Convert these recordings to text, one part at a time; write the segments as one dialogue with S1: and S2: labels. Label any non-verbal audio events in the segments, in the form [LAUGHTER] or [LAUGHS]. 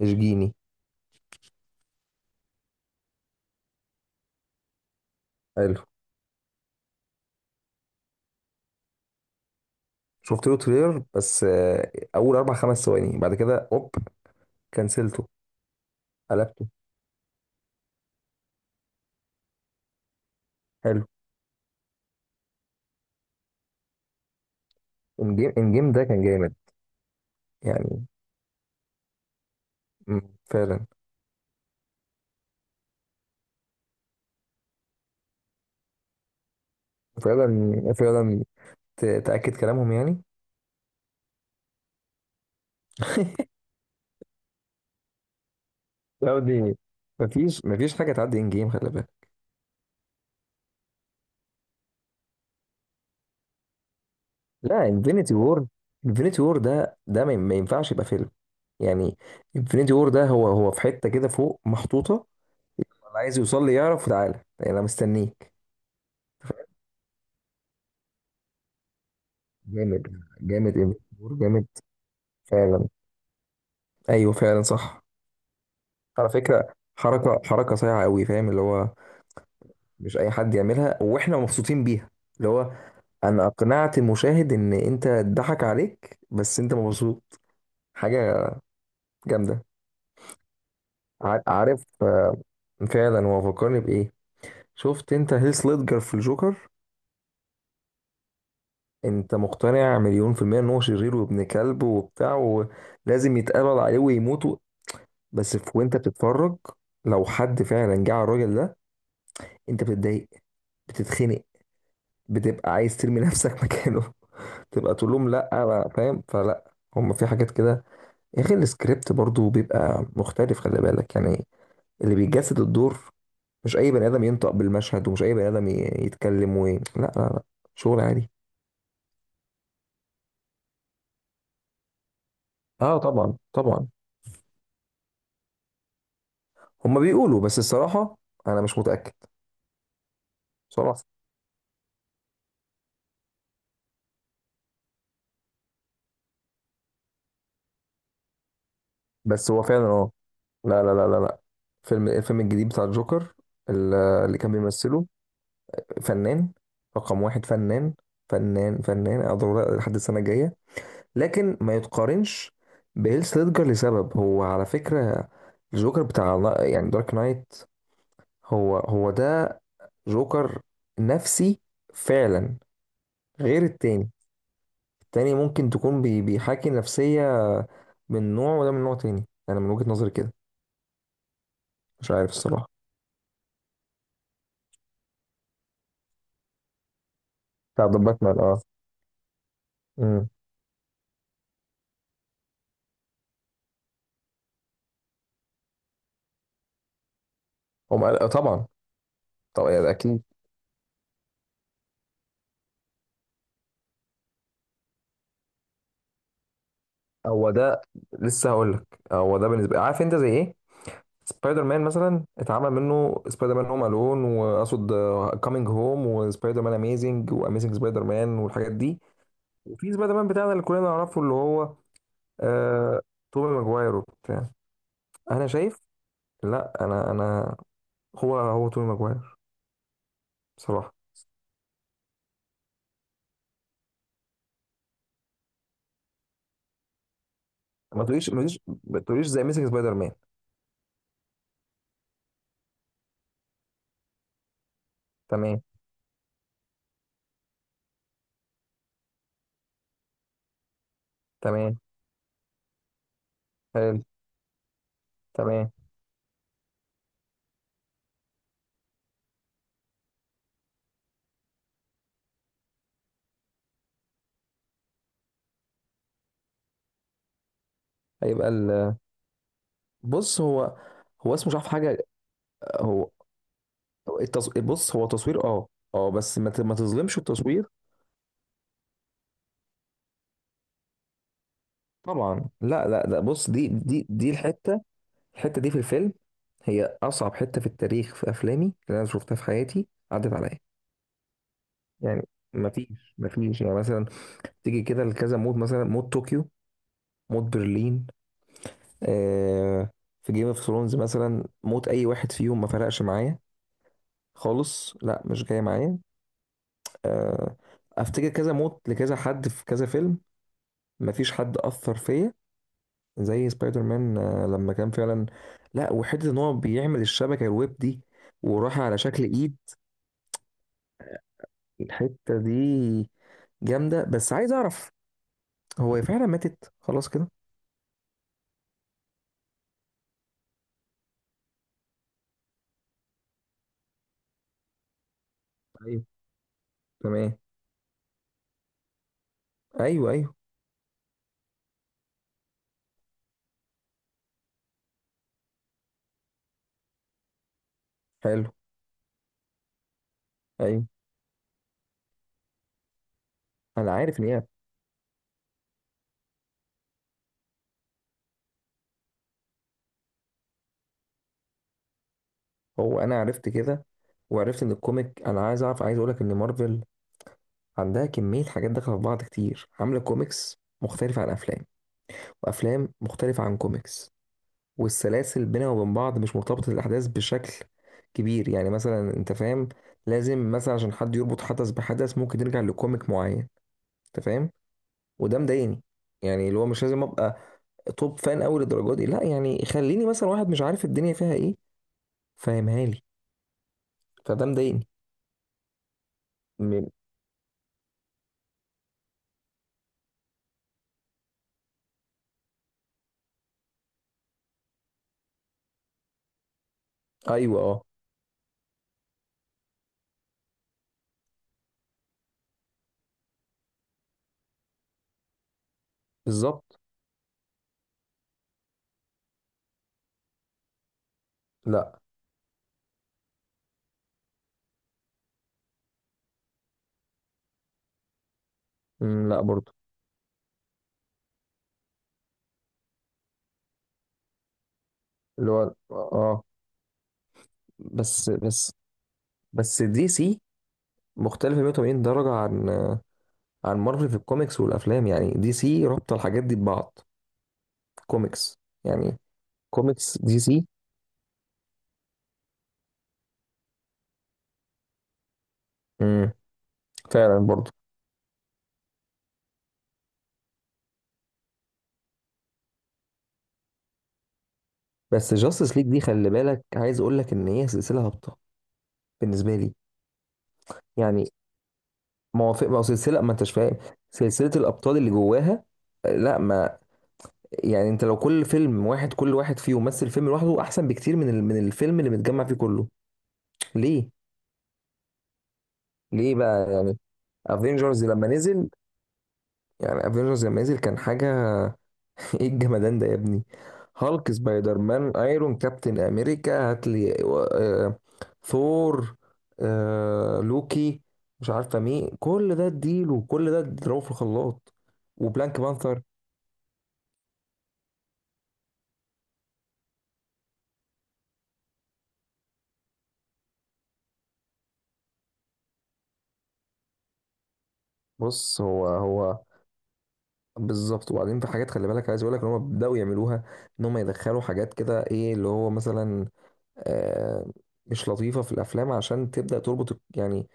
S1: اشجيني. حلو. شفت له تريلر بس اول اربع خمس ثواني بعد كده اوب كنسلته. قلبته. حلو. ان جيم ده كان جامد. يعني فعلا. فعلا فعلا. تاكد كلامهم يعني. [LAUGHS] لا دي مفيش مفيش حاجه تعدي ان جيم خلي بالك. لا انفينيتي وور. انفينيتي وور ده ما ينفعش يبقى فيلم يعني. انفينيتي وور ده هو في حته كده فوق محطوطه. اللي عايز يوصل لي يعرف تعالى يعني انا مستنيك. جامد. جامد إمبراطور، جامد. فعلا. ايوه فعلا صح. على فكره، حركه حركه صايعه قوي فاهم، اللي هو مش اي حد يعملها واحنا مبسوطين بيها. اللي هو انا اقنعت المشاهد ان انت اتضحك عليك بس انت مبسوط. حاجه جامده. عارف فعلا هو فكرني بايه. شفت انت هيث ليدجر في الجوكر؟ انت مقتنع مليون في المية ان هو شرير وابن كلب وبتاع، ولازم يتقبض عليه ويموت. بس في، وانت بتتفرج، لو حد فعلا جه على الراجل ده انت بتتضايق، بتتخنق، بتبقى عايز ترمي نفسك [LAUGHS] مكانه. تبقى تقول لهم لا بقى، فاهم؟ فلا هم في حاجات كده يا اخي. السكريبت برضو بيبقى مختلف خلي بالك يعني. اللي بيجسد الدور، مش اي بني ادم ينطق بالمشهد، ومش اي بني ادم يتكلم لا لا لا. شغل عادي. اه طبعا طبعا. هم بيقولوا بس الصراحة انا مش متأكد. صراحة. بس هو فعلا اه. لا لا لا لا لا. فيلم الفيلم الجديد بتاع الجوكر، اللي كان بيمثله فنان. رقم واحد فنان. فنان فنان أقدر لحد السنة الجاية. لكن ما يتقارنش بهيلث ليدجر لسبب. هو على فكرة الجوكر بتاع يعني دارك نايت، هو ده جوكر نفسي فعلا. غير التاني. التاني ممكن تكون بيحاكي نفسية من نوع، وده من نوع تاني. أنا من وجهة نظري كده. مش عارف الصراحة. بتاع ذا باتمان. اه. طبعا. طبعا يعني اكيد. هو ده. لسه هقول لك هو ده بالنسبه. عارف انت زي ايه؟ سبايدر مان مثلا اتعمل منه سبايدر مان هوم الون، واقصد كامينج هوم، وسبايدر مان اميزنج، واميزنج سبايدر مان، والحاجات دي. وفي سبايدر مان بتاعنا اللي كلنا نعرفه، اللي هو آه... توبي ماجواير وبتاع. انا شايف. لا انا هو توبي ماجواير. بصراحه. ما تقوليش ما تقوليش ما تقوليش زي اميزنج سبايدر مان. تمام. تمام. حلو. تمام. هيبقى ال... بص هو. هو اسمه مش عارف حاجه. هو بص هو تصوير اه. اه بس ما تظلمش التصوير. طبعا لا لا لا. بص دي الحته. الحته دي في الفيلم هي اصعب حته في التاريخ، في افلامي اللي انا شفتها في حياتي، عدت عليا يعني. ما فيش يعني مثلا تيجي كده لكذا مود، مثلا مود طوكيو، مود برلين آه. في جيم اوف ثرونز مثلا موت اي واحد فيهم ما فرقش معايا خالص. لا مش جاي معايا آه. افتكر كذا موت لكذا حد في كذا فيلم، ما فيش حد اثر فيا زي سبايدر مان لما كان فعلا. لا وحته ان هو بيعمل الشبكه الويب دي وراح على شكل ايد. الحته دي جامده. بس عايز اعرف، هو هي فعلا ماتت خلاص كده؟ ايوه. تمام. ايوه ايوه. حلو. ايوه انا عارف ان هي. هو انا عرفت كده وعرفت ان الكوميك. انا عايز اعرف، عايز اقول لك ان مارفل عندها كميه حاجات داخله في بعض كتير، عامله كوميكس مختلفه عن افلام، وافلام مختلفه عن كوميكس. والسلاسل بينها وبين بعض مش مرتبطة الأحداث بشكل كبير يعني. مثلا أنت فاهم، لازم مثلا عشان حد يربط حدث بحدث ممكن نرجع لكوميك معين. أنت فاهم. وده مضايقني. يعني اللي هو مش لازم أبقى توب فان أوي للدرجة دي. لا يعني خليني مثلا واحد مش عارف الدنيا فيها إيه، فاهمها لي. فده مضايقني. م- أيوه أه. بالظبط. لا. لا برضه. اللي هو أه. بس بس دي سي مختلفة 180 درجة عن عن مارفل في الكوميكس والافلام. يعني دي سي رابطه الحاجات دي ببعض. كوميكس يعني. كوميكس دي سي. امم. فعلا برضه. بس جاستس ليج دي خلي بالك، عايز اقول لك ان هي سلسله هابطه بالنسبه لي يعني. موافق، ما هو سلسله ما انتش فاهم، سلسله الابطال اللي جواها لا ما. يعني انت لو كل فيلم واحد، كل واحد فيه يمثل فيلم لوحده، احسن بكتير من من الفيلم اللي متجمع فيه كله. ليه؟ ليه بقى يعني؟ افنجرز لما نزل. يعني افنجرز لما نزل كان حاجه. [LAUGHS] ايه الجمدان ده يا ابني. هالك، سبايدر مان، ايرون، كابتن امريكا، هاتلي آه، ثور، آه لوكي، مش عارفه مين، كل ده اديله كل ده اضربه في الخلاط. وبلانك بانثر. بص هو بالظبط. وبعدين في حاجات خلي بالك، عايز اقول لك ان هم بداوا يعملوها. ان هم يدخلوا حاجات كده، ايه اللي هو مثلا آه مش لطيفه في الافلام عشان تبدا تربط يعني.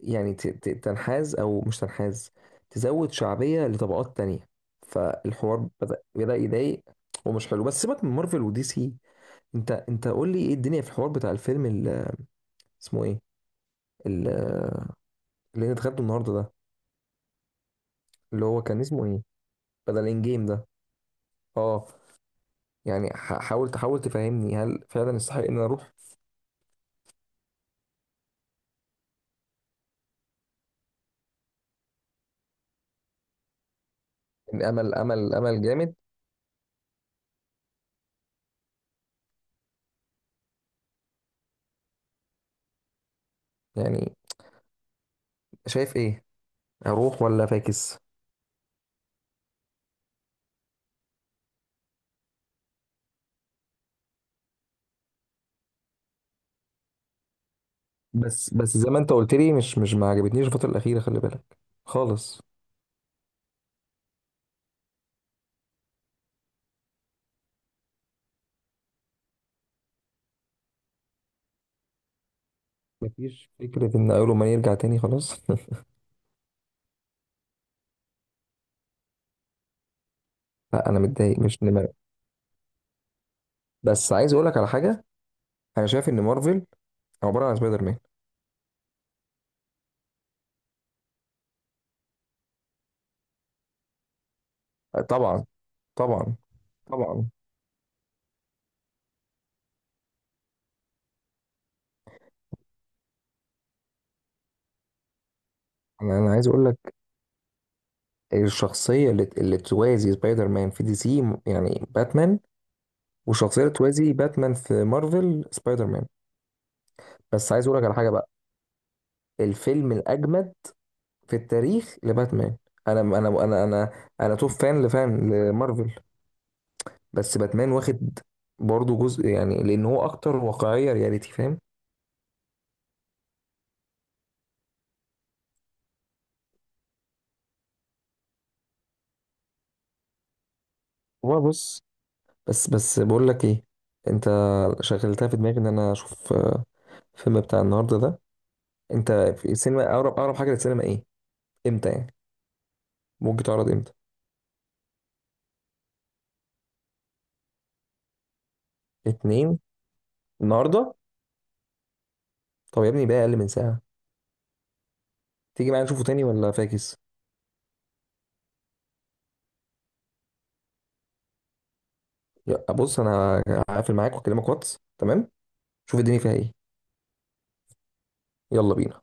S1: يعني تنحاز او مش تنحاز، تزود شعبيه لطبقات تانية. فالحوار بدأ يضايق ومش حلو. بس سيبك من مارفل ودي سي. انت قول لي ايه الدنيا في الحوار بتاع الفيلم اللي اسمه ايه؟ ال- اللي انت خدته النهارده ده، اللي هو كان اسمه ايه؟ بدل ان جيم ده. اه يعني حاول تحاول تفهمني هل فعلا يستحق ان انا اروح. الامل امل جامد يعني. شايف ايه؟ اروح ولا فاكس؟ بس بس زي ما انت قلت لي مش ما عجبتنيش الفتره الاخيره خلي بالك خالص. مفيش فكرة إن أول ما يرجع تاني خلاص. [LAUGHS] لا أنا متضايق مش نمر. بس عايز أقول لك على حاجة، أنا شايف إن مارفل عبارة عن سبايدر مان. طبعا طبعا طبعا. أنا عايز أقول لك، الشخصية اللي توازي سبايدر مان في دي سي يعني باتمان، والشخصية اللي توازي باتمان في مارفل سبايدر مان. بس عايز أقول لك على حاجة بقى. الفيلم الأجمد في التاريخ لباتمان. أنا أنا توب فان لفان لمارفل، بس باتمان واخد برضه جزء يعني، لان هو اكتر واقعيه رياليتي فاهم. هو بص. بس بقول لك ايه، انت شغلتها في دماغي ان انا اشوف الفيلم بتاع النهارده ده. انت في السينما، اقرب اقرب حاجه للسينما ايه؟ امتى يعني ممكن تعرض امتى؟ اتنين. النهارده. طب يا ابني بقى اقل من ساعه، تيجي معايا نشوفه تاني ولا فاكس؟ بص انا هقفل معاك واكلمك واتس تمام. شوف الدنيا فيها ايه. يلا بينا.